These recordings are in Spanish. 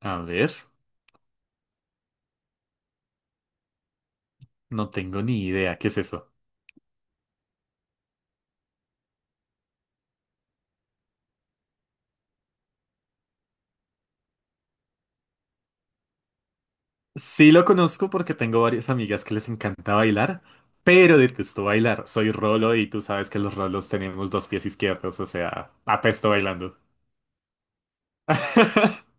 A ver, no tengo ni idea, ¿qué es eso? Sí lo conozco porque tengo varias amigas que les encanta bailar, pero detesto bailar. Soy rolo y tú sabes que los rolos tenemos dos pies izquierdos, o sea, apesto bailando.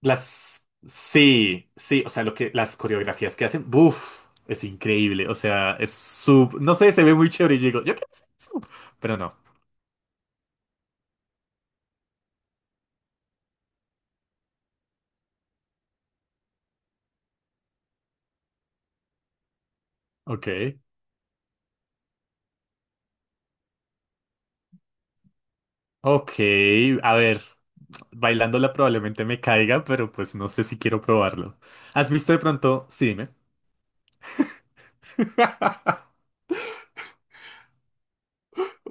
Sí, sí, o sea, las coreografías que hacen, ¡buf! Es increíble, o sea, no sé, se ve muy chévere y yo digo, yo quiero hacer eso, pero no. Ok, ok, a ver. Bailándola probablemente me caiga, pero pues no sé si quiero probarlo. ¿Has visto de pronto? Sí, dime.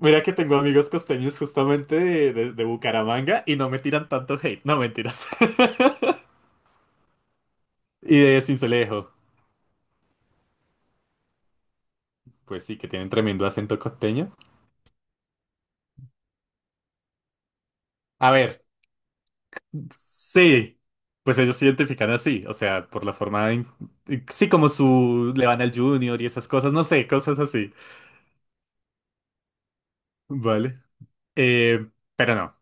Mira que tengo amigos costeños justamente de Bucaramanga y no me tiran tanto hate. No, mentiras. Y de Sincelejo. Pues sí, que tienen tremendo acento costeño. A ver, sí. Pues ellos se identifican así, o sea, por la forma. Sí, le van al Junior y esas cosas, no sé, cosas así. Vale. Eh, pero no.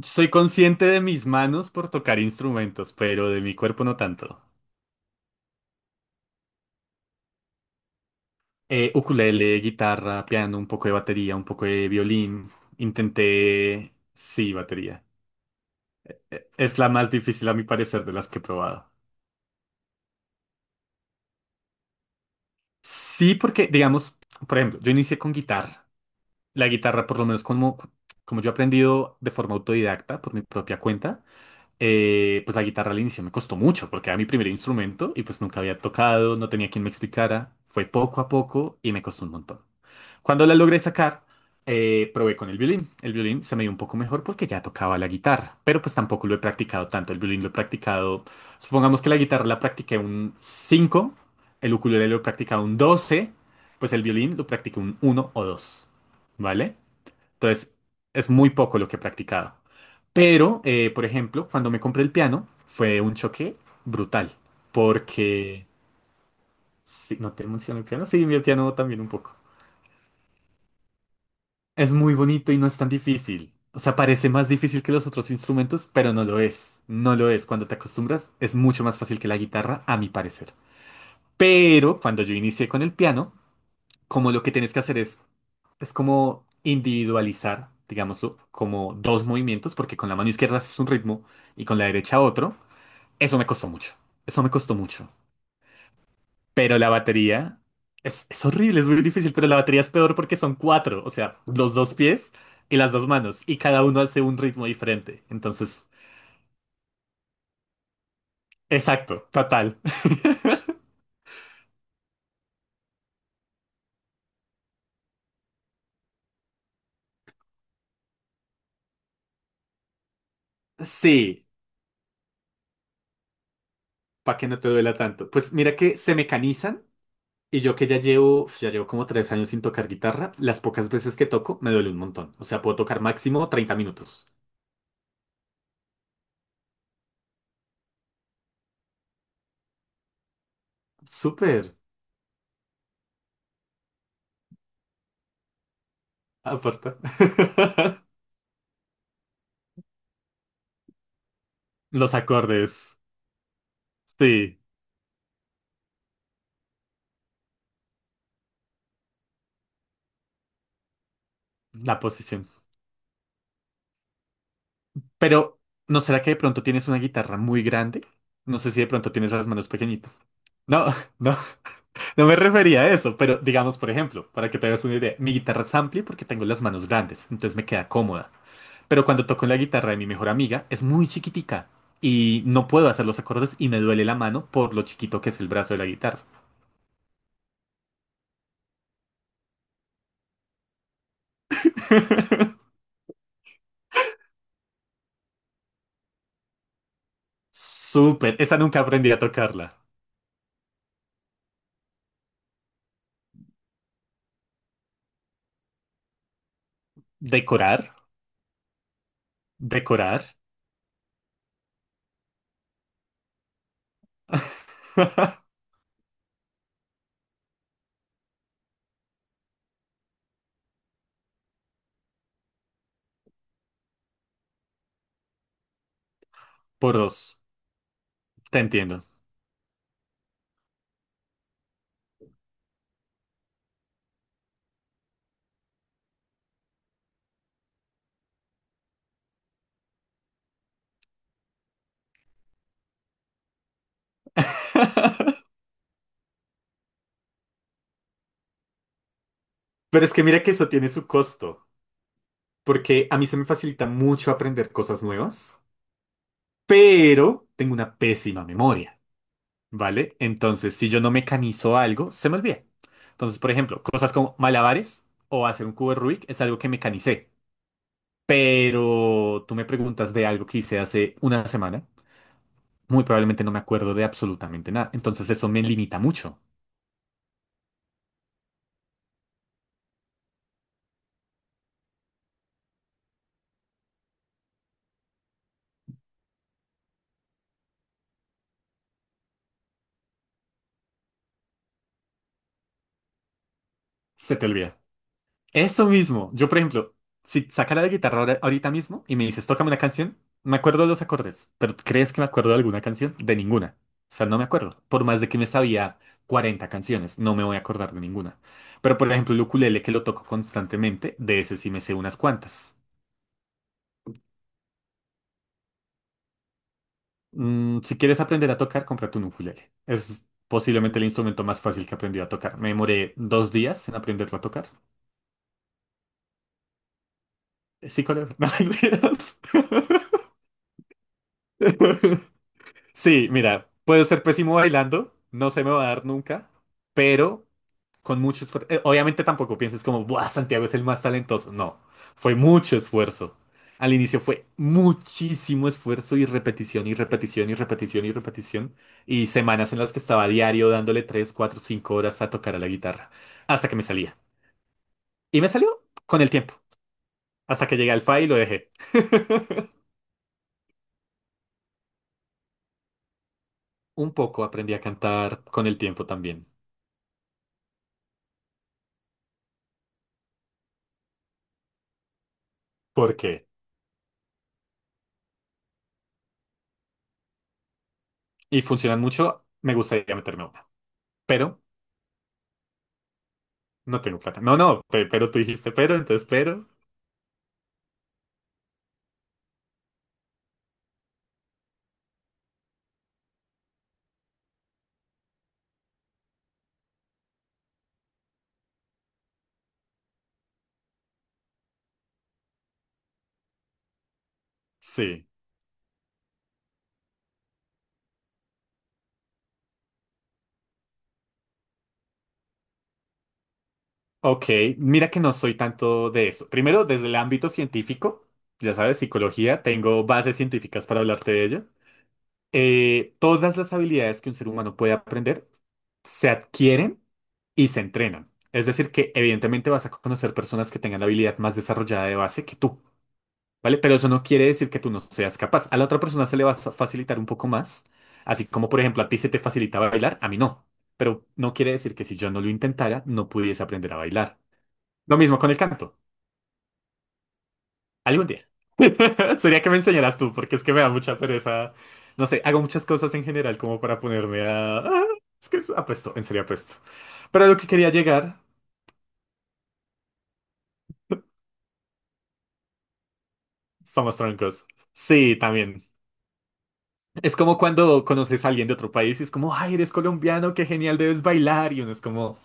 Soy consciente de mis manos por tocar instrumentos, pero de mi cuerpo no tanto. Ukulele, guitarra, piano, un poco de batería, un poco de violín. Sí, batería. Es la más difícil a mi parecer de las que he probado. Sí, porque, digamos, por ejemplo, yo inicié con guitarra. La guitarra, por lo menos como, como yo he aprendido de forma autodidacta, por mi propia cuenta. Pues la guitarra al inicio me costó mucho porque era mi primer instrumento y pues nunca había tocado, no tenía quien me explicara. Fue poco a poco y me costó un montón. Cuando la logré sacar, probé con el violín. El violín se me dio un poco mejor porque ya tocaba la guitarra, pero pues tampoco lo he practicado tanto. El violín lo he practicado, supongamos que la guitarra la practiqué un 5, el ukulele lo he practicado un 12, pues el violín lo practiqué un uno o 2, ¿vale? Entonces, es muy poco lo que he practicado. Pero, por ejemplo, cuando me compré el piano, fue un choque brutal. Porque... Sí, ¿no te menciono el piano? Sí, mi piano también un poco. Es muy bonito y no es tan difícil. O sea, parece más difícil que los otros instrumentos, pero no lo es. No lo es. Cuando te acostumbras, es mucho más fácil que la guitarra, a mi parecer. Pero cuando yo inicié con el piano, como lo que tienes que hacer es como individualizar, digámoslo, como dos movimientos, porque con la mano izquierda haces un ritmo y con la derecha otro. Eso me costó mucho. Eso me costó mucho. Pero la batería es horrible, es muy difícil, pero la batería es peor porque son cuatro, o sea, los dos pies y las dos manos, y cada uno hace un ritmo diferente. Entonces, exacto, total. Sí, para que no te duela tanto. Pues mira que se mecanizan. Y yo que ya llevo como 3 años sin tocar guitarra, las pocas veces que toco me duele un montón. O sea, puedo tocar máximo 30 minutos. Súper. Aparta. Los acordes. Sí, la posición. Pero, ¿no será que de pronto tienes una guitarra muy grande? No sé si de pronto tienes las manos pequeñitas. No, no, no me refería a eso, pero digamos, por ejemplo, para que te hagas una idea, mi guitarra es amplia porque tengo las manos grandes, entonces me queda cómoda. Pero cuando toco la guitarra de mi mejor amiga, es muy chiquitica y no puedo hacer los acordes y me duele la mano por lo chiquito que es el brazo de la guitarra. Súper, esa nunca aprendí a tocarla. Decorar, decorar, por dos, te entiendo. Pero es que mira que eso tiene su costo, porque a mí se me facilita mucho aprender cosas nuevas, pero tengo una pésima memoria, ¿vale? Entonces, si yo no mecanizo algo, se me olvida. Entonces, por ejemplo, cosas como malabares o hacer un cubo de Rubik es algo que mecanicé. Pero tú me preguntas de algo que hice hace una semana. Muy probablemente no me acuerdo de absolutamente nada. Entonces eso me limita mucho. Se te olvida. Eso mismo. Yo, por ejemplo, si sacara la guitarra ahorita mismo y me dices, tócame una canción, me acuerdo de los acordes. Pero ¿tú crees que me acuerdo de alguna canción? De ninguna. O sea, no me acuerdo. Por más de que me sabía 40 canciones, no me voy a acordar de ninguna. Pero, por ejemplo, el ukulele que lo toco constantemente, de ese sí me sé unas cuantas. Si quieres aprender a tocar, cómprate un ukulele. Es posiblemente el instrumento más fácil que aprendí a tocar. Me demoré 2 días en aprenderlo a tocar. Sí, colega. No, mentiras. Sí, mira, puedo ser pésimo bailando, no se me va a dar nunca, pero con mucho esfuerzo. Obviamente tampoco pienses como, buah, Santiago es el más talentoso. No, fue mucho esfuerzo. Al inicio fue muchísimo esfuerzo y repetición y repetición y repetición y repetición. Y semanas en las que estaba diario dándole 3 4 5 horas a tocar a la guitarra. Hasta que me salía. Y me salió con el tiempo. Hasta que llegué al fa y lo dejé. Un poco aprendí a cantar con el tiempo también. ¿Por qué? Y funcionan mucho, me gustaría meterme a una. Pero no tengo plata. No, no, pero tú dijiste pero, entonces pero. Sí, ok. Mira que no soy tanto de eso. Primero, desde el ámbito científico, ya sabes, psicología, tengo bases científicas para hablarte de ello. Todas las habilidades que un ser humano puede aprender se adquieren y se entrenan. Es decir, que evidentemente vas a conocer personas que tengan la habilidad más desarrollada de base que tú, ¿vale? Pero eso no quiere decir que tú no seas capaz. A la otra persona se le va a facilitar un poco más, así como por ejemplo a ti se te facilita bailar, a mí no. Pero no quiere decir que si yo no lo intentara, no pudiese aprender a bailar. Lo mismo con el canto. Algún día. Sería que me enseñaras tú, porque es que me da mucha pereza. No sé, hago muchas cosas en general como para ponerme a... es que apuesto, en serio apuesto. Pero a lo que quería llegar, somos troncos. Sí, también. Es como cuando conoces a alguien de otro país y es como, ay, eres colombiano, qué genial, debes bailar. Y uno es como,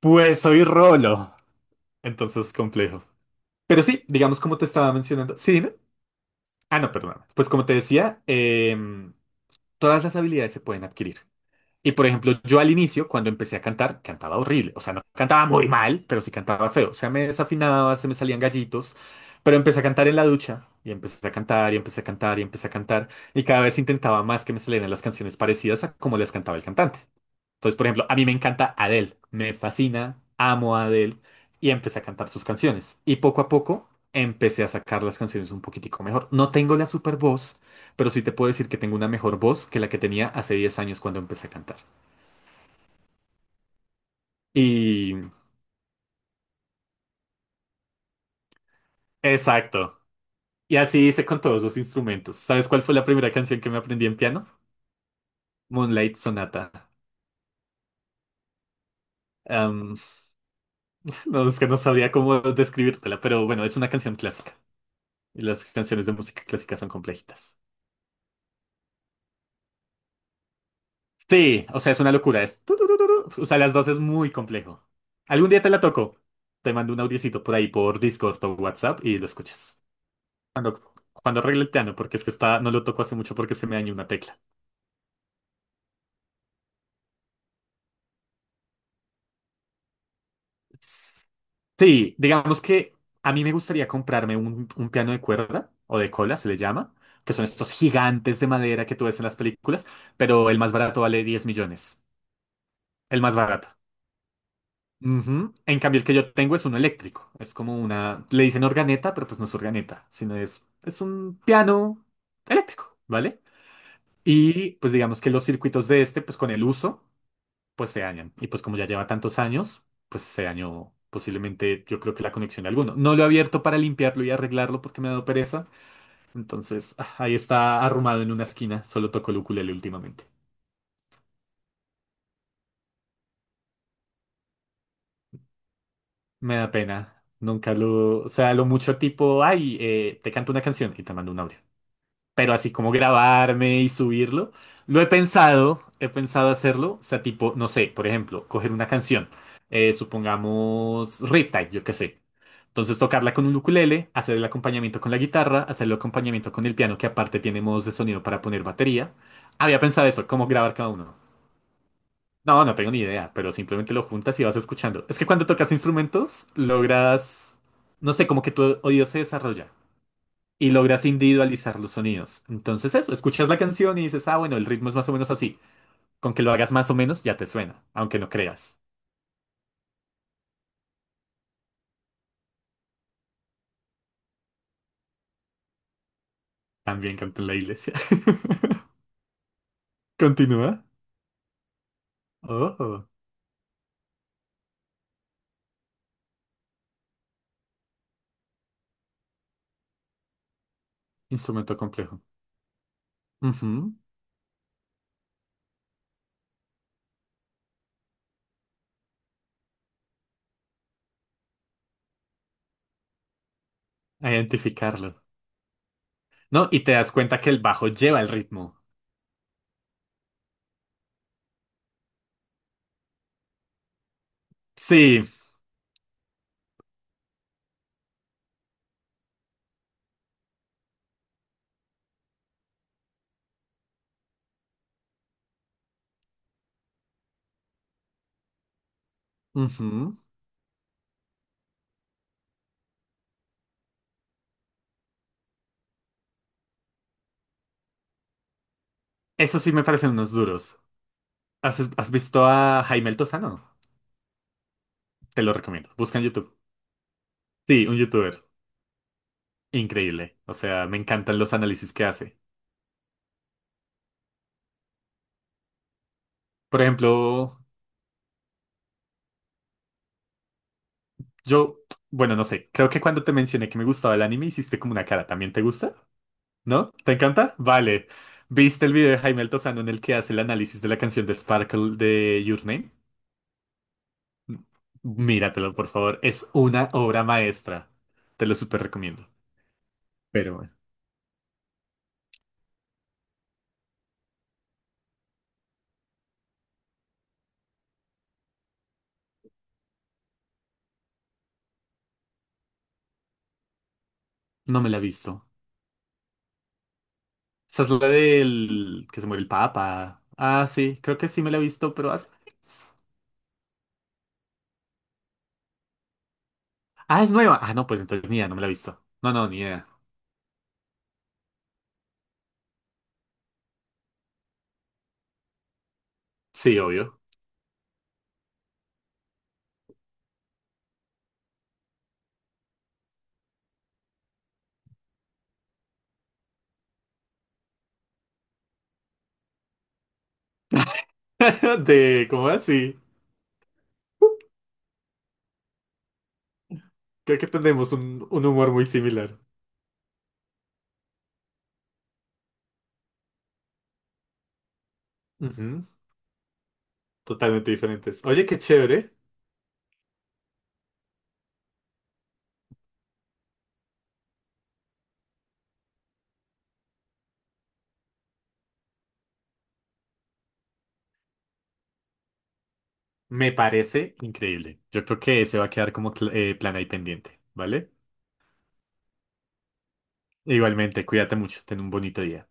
pues soy rolo. Entonces, complejo. Pero sí, digamos como te estaba mencionando. Sí, dime. Ah, no, perdón. Pues como te decía, todas las habilidades se pueden adquirir. Y por ejemplo, yo al inicio, cuando empecé a cantar, cantaba horrible. O sea, no cantaba muy mal, pero sí cantaba feo. O sea, me desafinaba, se me salían gallitos. Pero empecé a cantar en la ducha. Y empecé a cantar, y empecé a cantar, y empecé a cantar. Y cada vez intentaba más que me salieran las canciones parecidas a como las cantaba el cantante. Entonces, por ejemplo, a mí me encanta Adele. Me fascina, amo a Adele. Y empecé a cantar sus canciones. Y poco a poco empecé a sacar las canciones un poquitico mejor. No tengo la super voz, pero sí te puedo decir que tengo una mejor voz que la que tenía hace 10 años cuando empecé a cantar. Y... Exacto. Y así hice con todos los instrumentos. ¿Sabes cuál fue la primera canción que me aprendí en piano? Moonlight Sonata. Am, no, es que no sabría cómo describírtela, pero bueno, es una canción clásica. Y las canciones de música clásica son complejitas. Sí, o sea, es una locura. Es... turururu. O sea, las dos es muy complejo. Algún día te la toco. Te mando un audiocito por ahí por Discord o WhatsApp y lo escuchas. Cuando arregle el piano, porque es que está, no lo toco hace mucho porque se me dañó una tecla. Sí, digamos que a mí me gustaría comprarme un piano de cuerda o de cola, se le llama, que son estos gigantes de madera que tú ves en las películas, pero el más barato vale 10 millones. El más barato. Ujú. En cambio, el que yo tengo es uno eléctrico. Es como una, le dicen organeta, pero pues no es organeta, sino es un piano eléctrico, ¿vale? Y pues digamos que los circuitos de este, pues con el uso, pues se dañan. Y pues como ya lleva tantos años, pues se dañó posiblemente, yo creo que la conexión de alguno. No lo he abierto para limpiarlo y arreglarlo porque me ha dado pereza. Entonces, ahí está arrumado en una esquina. Solo toco el ukulele últimamente. Me da pena. Nunca lo... O sea, lo mucho tipo, ay, te canto una canción y te mando un audio. Pero así como grabarme y subirlo. Lo he pensado hacerlo, o sea, tipo, no sé, por ejemplo, coger una canción, supongamos Riptide, yo qué sé. Entonces tocarla con un ukulele, hacer el acompañamiento con la guitarra, hacer el acompañamiento con el piano, que aparte tiene modos de sonido para poner batería. Había pensado eso, cómo grabar cada uno. No, no tengo ni idea, pero simplemente lo juntas y vas escuchando. Es que cuando tocas instrumentos, logras, no sé, como que tu oído se desarrolla y logras individualizar los sonidos. Entonces eso, escuchas la canción y dices, ah, bueno, el ritmo es más o menos así. Con que lo hagas más o menos ya te suena, aunque no creas. También canto en la iglesia. Continúa. Oh, instrumento complejo. Ujú. A identificarlo. No, y te das cuenta que el bajo lleva el ritmo. Sí. Ujú. Eso sí me parecen unos duros. ¿Has visto a Jaime El Tozano? Te lo recomiendo. Busca en YouTube. Sí, un youtuber. Increíble. O sea, me encantan los análisis que hace. Por ejemplo, yo, bueno, no sé, creo que cuando te mencioné que me gustaba el anime hiciste como una cara. ¿También te gusta? ¿No? ¿Te encanta? Vale. ¿Viste el video de Jaime Altozano en el que hace el análisis de la canción de Sparkle de Your Name? Míratelo, por favor. Es una obra maestra. Te lo súper recomiendo. Pero bueno, no me la he visto. Esa es la del que se muere el Papa. Ah, sí, creo que sí me la he visto, pero hace... Ah, es nueva. Ah, no, pues entonces ni idea, no me la he visto. No, no, ni idea. Sí, obvio. De, ¿cómo así? Creo que tenemos un humor muy similar. Ujú. Totalmente diferentes. Oye, qué chévere. Me parece increíble. Yo creo que se va a quedar como plan ahí pendiente, ¿vale? Igualmente, cuídate mucho. Ten un bonito día.